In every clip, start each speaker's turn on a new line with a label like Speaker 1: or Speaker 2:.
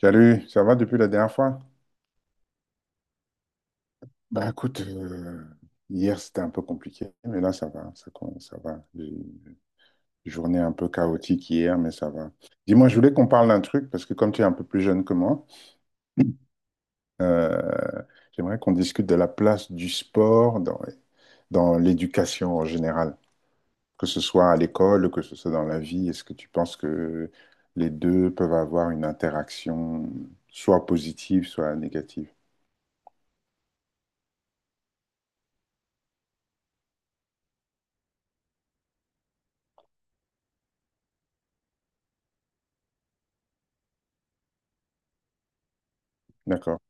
Speaker 1: Salut, ça va depuis la dernière fois? Bah écoute, hier c'était un peu compliqué, mais là ça va, ça va. J'ai une Journée un peu chaotique hier, mais ça va. Dis-moi, je voulais qu'on parle d'un truc, parce que comme tu es un peu plus jeune que moi, euh, j'aimerais qu'on discute de la place du sport dans l'éducation en général, que ce soit à l'école, que ce soit dans la vie. Est-ce que tu penses que les deux peuvent avoir une interaction, soit positive, soit négative? D'accord.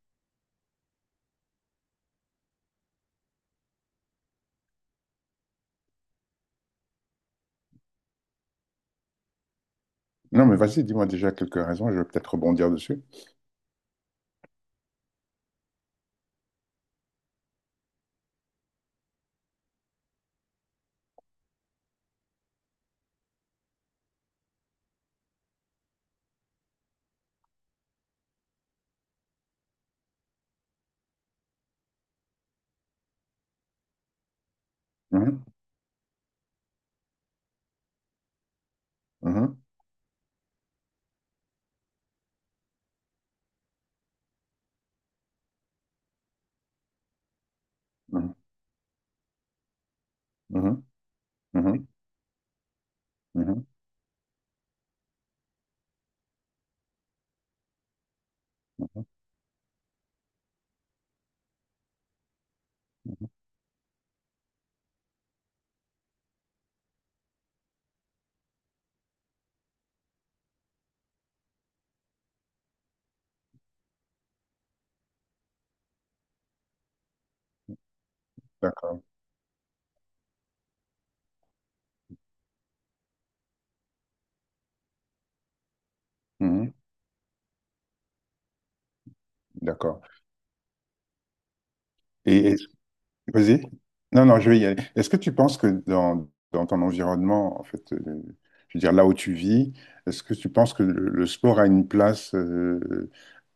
Speaker 1: Non, mais vas-y, dis-moi déjà quelques raisons, je vais peut-être rebondir dessus. Mhm, mhm, mhm, mhm, mhm, mhm. D'accord. Mhm, d'accord. Et, et- Vas-y. Non, non, je vais y aller. Est-ce que tu penses que dans ton environnement, en fait, je veux dire là où tu vis, est-ce que tu penses que le sport a une place euh,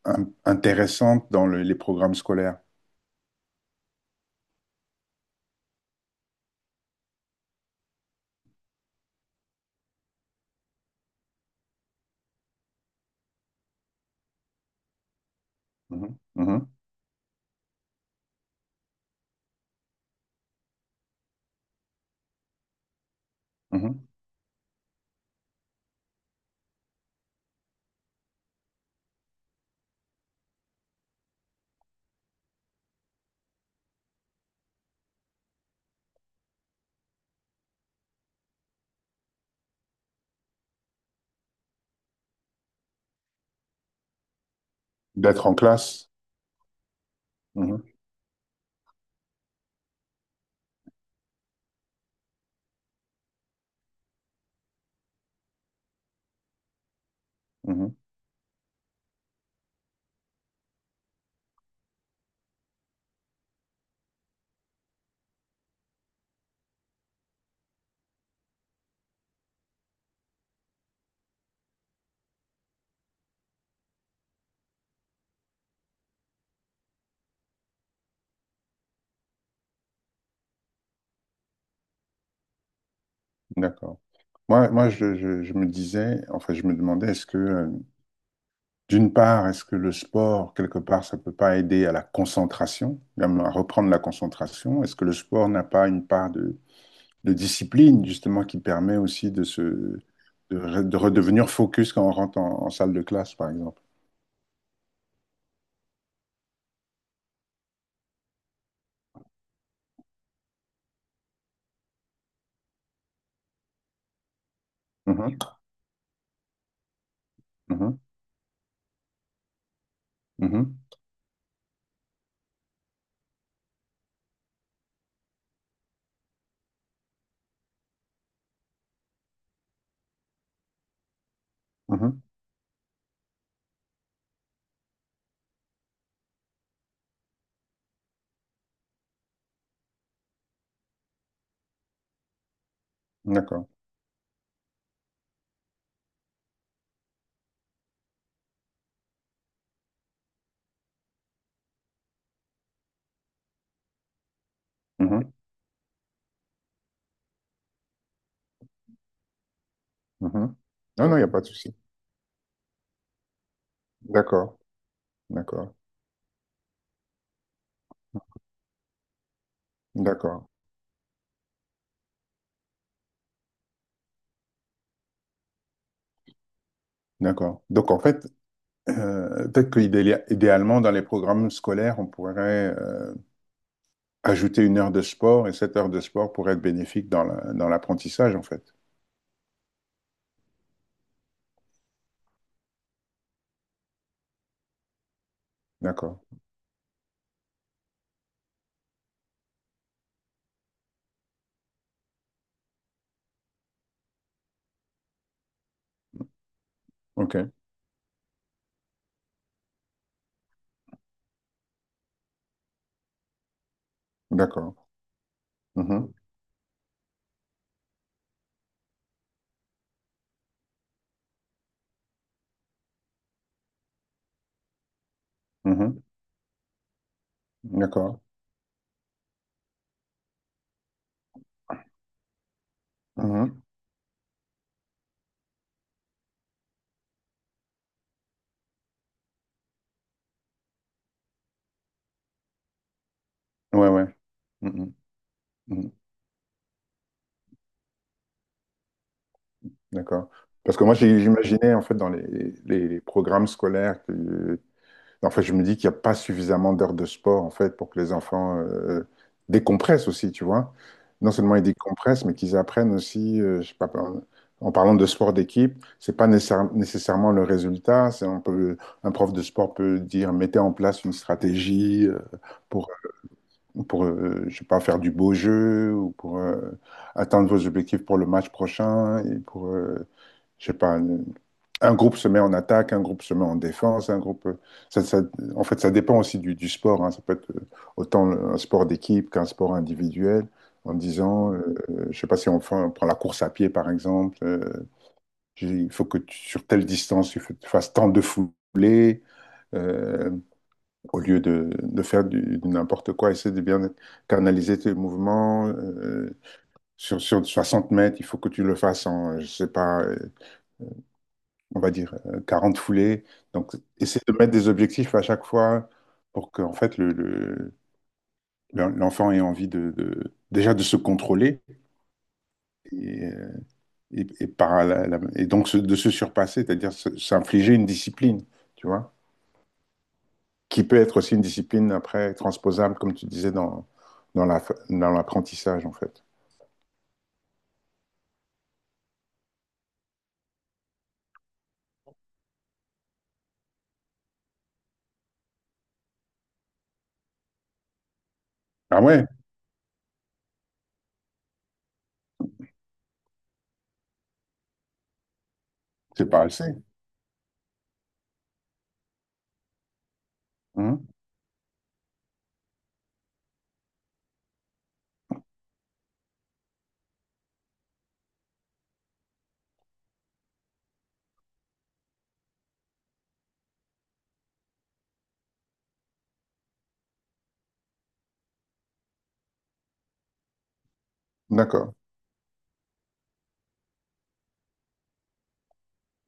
Speaker 1: in- intéressante dans les programmes scolaires? Mhm, mhm, mhm. D'être en classe? Mhm, mhm. D'accord. Moi, je me disais, enfin, je me demandais, est-ce que d'une part, est-ce que le sport, quelque part, ça peut pas aider à la concentration, même à reprendre la concentration? Est-ce que le sport n'a pas une part de discipline, justement, qui permet aussi de de redevenir focus quand on rentre en salle de classe, par exemple? Mhm, mhm, mhm, mhm. D'accord. Mhm, mhm. Non, non, il n'y a pas de souci. D'accord, d'accord, d'accord, d'accord. Donc, en fait, peut-être qu'idéalement, dans les programmes scolaires, on pourrait ajouter une heure de sport et cette heure de sport pourrait être bénéfique dans dans l'apprentissage, en fait. D'accord. OK. D'accord. Mhm. Mhm. D'accord. Mhm. Ouais, ouais. Mhm. Mhm. D'accord. Parce que moi, j'imaginais, en fait, dans les programmes scolaires. En fait, je me dis qu'il n'y a pas suffisamment d'heures de sport, en fait, pour que les enfants décompressent aussi, tu vois. Non seulement ils décompressent, mais qu'ils apprennent aussi, je sais pas, en parlant de sport d'équipe, c'est pas nécessairement le résultat. C'est, on peut, un prof de sport peut dire, mettez en place une stratégie pour ou pour, je sais pas, faire du beau jeu, ou pour atteindre vos objectifs pour le match prochain, et pour, je sais pas, un groupe se met en attaque, un groupe se met en défense, un groupe, ça, ça- en fait, ça dépend aussi du sport, hein. Ça peut être autant un sport d'équipe qu'un sport individuel, en disant, je sais pas si on prend la course à pied, par exemple, il faut que sur telle distance, tu fasses tant de foulées, euh, au lieu de faire du n'importe quoi, essaie de bien canaliser tes mouvements. Sur sur 60 mètres, il faut que tu le fasses en, je sais pas, on va dire 40 foulées. Donc, essaie de mettre des objectifs à chaque fois pour que, en fait, l'enfant ait envie déjà de se contrôler et, euh, et donc de se surpasser, c'est-à-dire s'infliger une discipline, tu vois. Qui peut être aussi une discipline après transposable, comme tu disais, dans la, dans l'apprentissage, en fait. Ah ouais, c'est pas assez. Mhm. D'accord,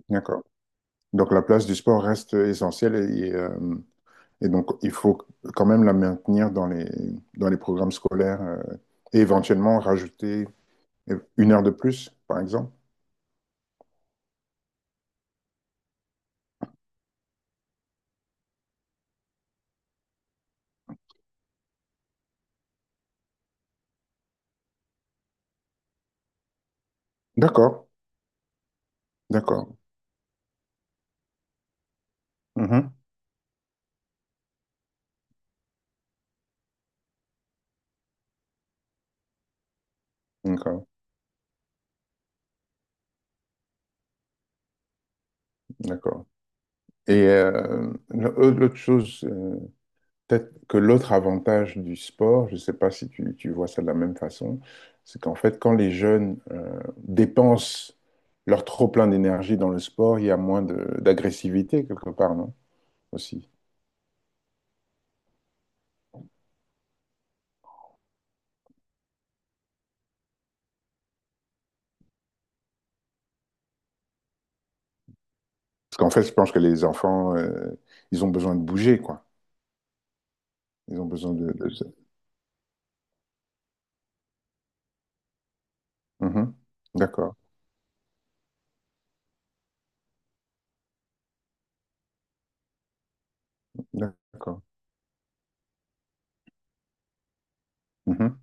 Speaker 1: d'accord. Donc la place du sport reste essentielle et donc il faut quand même la maintenir dans dans les programmes scolaires et éventuellement rajouter une heure de plus, par exemple. D'accord, d'accord. Mhm. D'accord, d'accord. Et l'autre chose, peut-être que l'autre avantage du sport, je ne sais pas si tu, tu vois ça de la même façon, c'est qu'en fait, quand les jeunes dépensent leur trop-plein d'énergie dans le sport, il y a moins d'agressivité quelque part, non? Aussi. Parce qu'en fait, je pense que les enfants, ils ont besoin de bouger, quoi. Ils ont besoin de... Mhm. D'accord, d'accord. Mhm.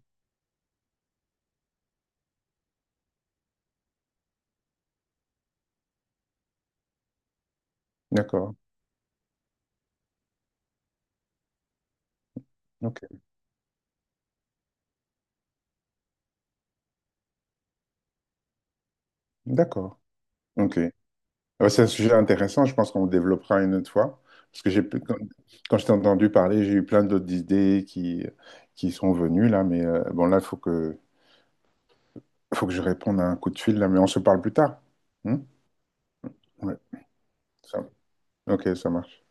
Speaker 1: D'accord, ok, d'accord, ok. Ouais, c'est un sujet intéressant, je pense qu'on le développera une autre fois, parce que quand, quand je t'ai entendu parler, j'ai eu plein d'autres idées qui sont venues là, mais bon là, il faut faut que je réponde à un coup de fil là, mais on se parle plus tard. Hmm. Ouais, ça- ok, ça marche.